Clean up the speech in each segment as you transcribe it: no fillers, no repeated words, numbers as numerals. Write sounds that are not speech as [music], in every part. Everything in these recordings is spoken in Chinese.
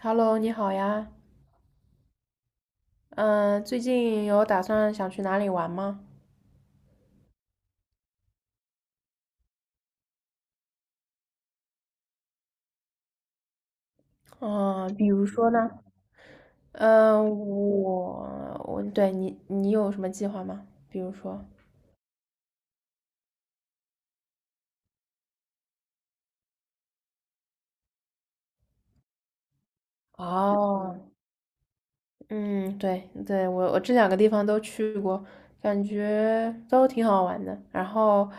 Hello，你好呀。嗯，最近有打算想去哪里玩吗？嗯，比如说呢？嗯，我我对你，你有什么计划吗？比如说？哦，嗯，对对，我这两个地方都去过，感觉都挺好玩的。然后，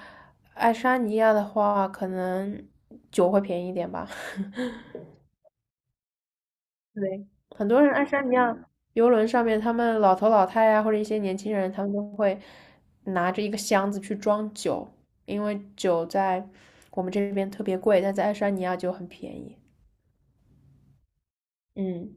爱沙尼亚的话，可能酒会便宜一点吧。[laughs] 对，很多人爱沙尼亚游轮上面，他们老头老太呀、或者一些年轻人，他们都会拿着一个箱子去装酒，因为酒在我们这边特别贵，但在爱沙尼亚就很便宜。嗯，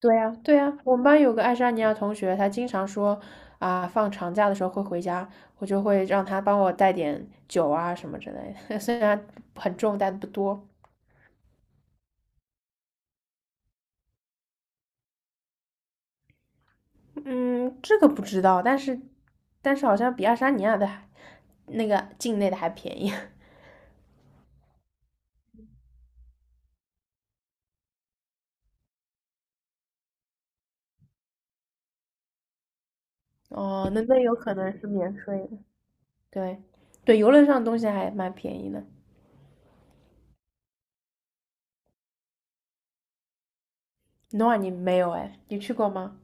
对呀，对呀，我们班有个爱沙尼亚同学，他经常说啊，放长假的时候会回家，我就会让他帮我带点酒啊什么之类的，[laughs] 虽然很重，但不多。嗯，这个不知道，但是好像比爱沙尼亚的还。那个境内的还便宜。[laughs] 哦，那有可能是免税的。对，对，游轮上的东西还蛮便宜的。Noah，你没有哎？你去过吗？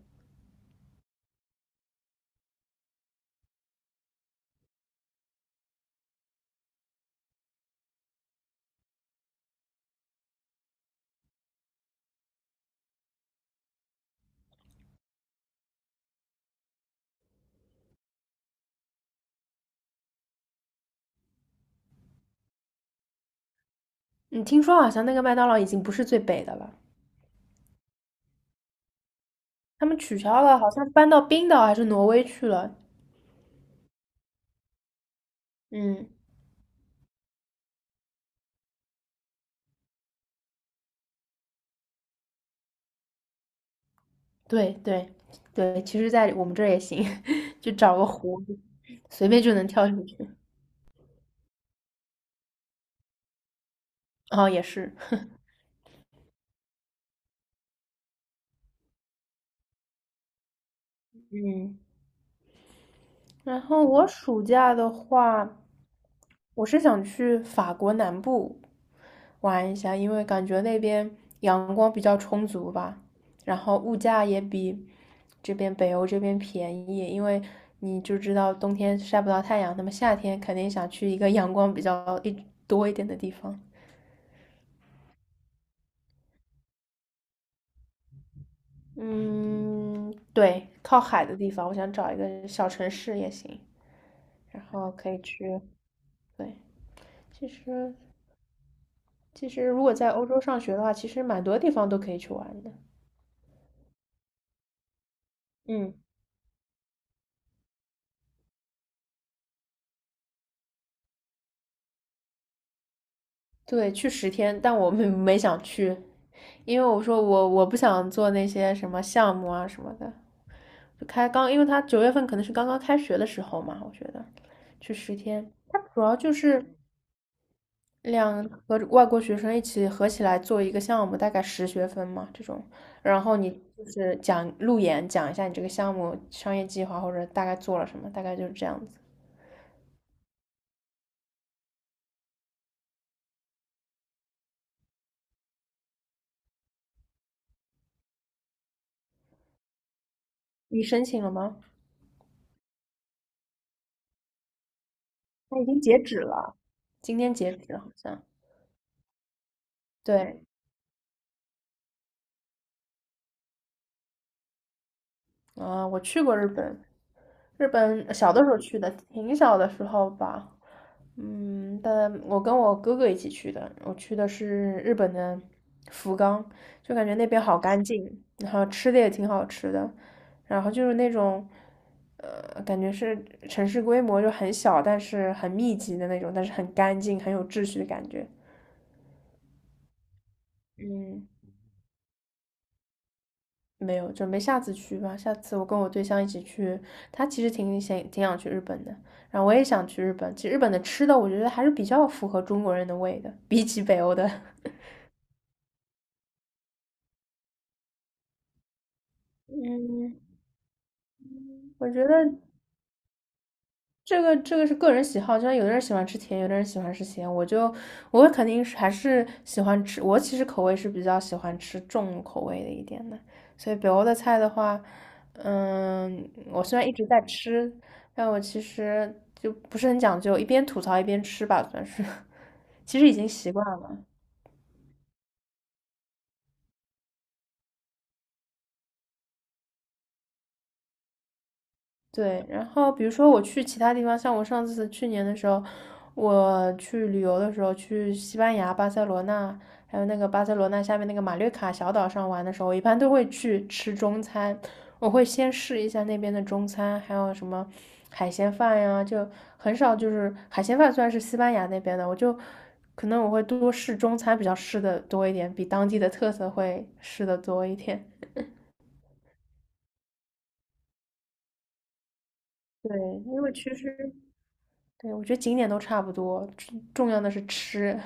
你听说好像那个麦当劳已经不是最北的了，他们取消了，好像搬到冰岛还是挪威去了。嗯，对对对，其实，在我们这儿也行，[laughs] 就找个湖，随便就能跳进去。哦，也是。嗯，然后我暑假的话，我是想去法国南部玩一下，因为感觉那边阳光比较充足吧，然后物价也比这边北欧这边便宜，因为你就知道冬天晒不到太阳，那么夏天肯定想去一个阳光比较多一点的地方。嗯，对，靠海的地方，我想找一个小城市也行，然后可以去。对，其实如果在欧洲上学的话，其实蛮多地方都可以去玩的。嗯。对，去十天，但我没 [laughs] 没想去，因为我说我不想做那些什么项目啊什么的，就开刚，因为他九月份可能是刚刚开学的时候嘛，我觉得去十天，他主要就是两和外国学生一起合起来做一个项目，大概十学分嘛这种，然后你就是讲路演，讲一下你这个项目商业计划或者大概做了什么，大概就是这样子。你申请了吗？他已经截止了，今天截止好像。对，啊，我去过日本，日本小的时候去的，挺小的时候吧。嗯，但我跟我哥哥一起去的，我去的是日本的福冈，就感觉那边好干净，然后吃的也挺好吃的，然后就是那种，感觉是城市规模就很小，但是很密集的那种，但是很干净，很有秩序的感觉。嗯，没有，准备下次去吧。下次我跟我对象一起去，他其实挺想去日本的，然后我也想去日本。其实日本的吃的，我觉得还是比较符合中国人的胃的，比起北欧的，[laughs] 嗯，我觉得这个是个人喜好，就像有的人喜欢吃甜，有的人喜欢吃咸。我肯定是还是喜欢吃，我其实口味是比较喜欢吃重口味的一点的。所以北欧的菜的话，嗯，我虽然一直在吃，但我其实就不是很讲究，一边吐槽一边吃吧，算是，[laughs] 其实已经习惯了。对，然后比如说我去其他地方，像我上次去年的时候，我去旅游的时候，去西班牙巴塞罗那，还有那个巴塞罗那下面那个马略卡小岛上玩的时候，我一般都会去吃中餐，我会先试一下那边的中餐，还有什么海鲜饭呀，就很少就是海鲜饭虽然是西班牙那边的，我就可能我会多试中餐，比较试的多一点，比当地的特色会试的多一点。对，因为其实对，我觉得景点都差不多，重要的是吃。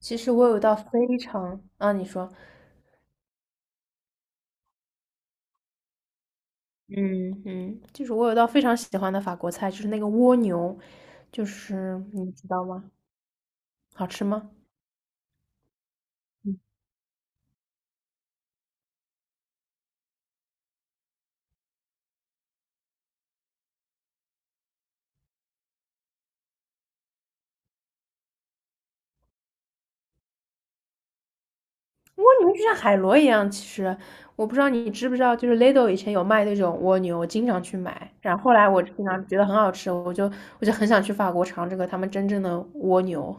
其实我有一道非常啊，你说，嗯嗯，就是我有一道非常喜欢的法国菜，就是那个蜗牛，就是你知道吗？好吃吗？嗯，蜗牛就像海螺一样，其实我不知道你知不知道，就是 Lidl 以前有卖那种蜗牛，我经常去买。然后后来我经常觉得很好吃，我就很想去法国尝这个他们真正的蜗牛。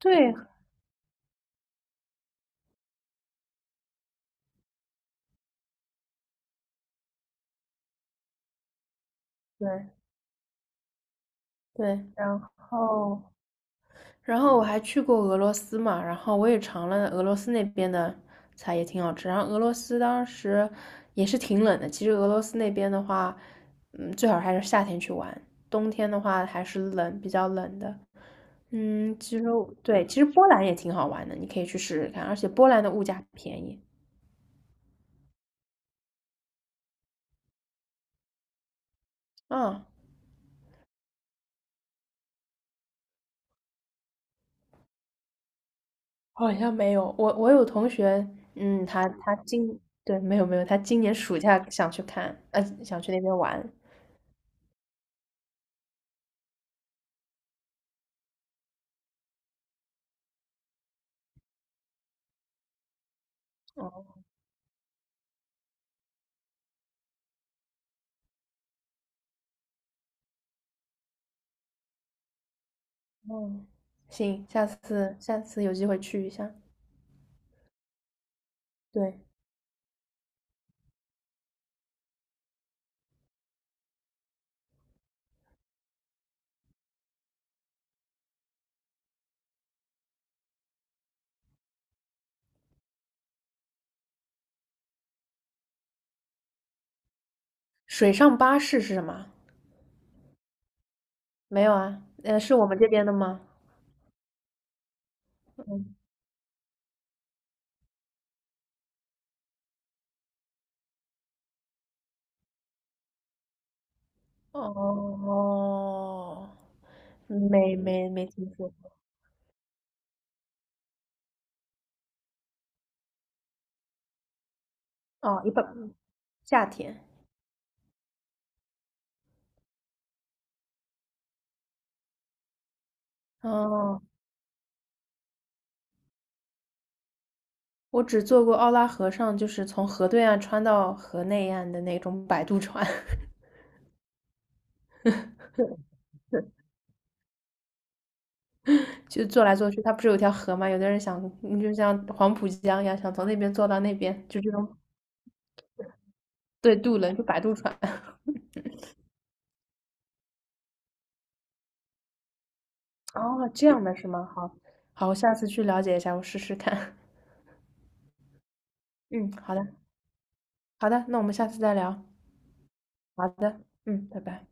对对对，然后。然后我还去过俄罗斯嘛，然后我也尝了俄罗斯那边的菜，也挺好吃。然后俄罗斯当时也是挺冷的，其实俄罗斯那边的话，嗯，最好还是夏天去玩，冬天的话还是冷，比较冷的。嗯，其实我对，其实波兰也挺好玩的，你可以去试试看，而且波兰的物价便宜。啊，好像没有，我有同学，嗯，他他今，对，没有没有，他今年暑假想去看，想去那边玩。嗯，行，下次有机会去一下。对，水上巴士是什么？没有啊，是我们这边的吗？嗯，哦，没听说过。哦，一般夏天。哦，我只坐过奥拉河上，就是从河对岸穿到河内岸的那种摆渡船，[laughs] 就坐来坐去。它不是有条河吗？有的人想，你就像黄浦江一样，想从那边坐到那边，就这种对渡轮，就摆渡船。哦，这样的是吗？好，好，我下次去了解一下，我试试看。[laughs] 嗯，好的，好的，那我们下次再聊。好的，嗯，拜拜。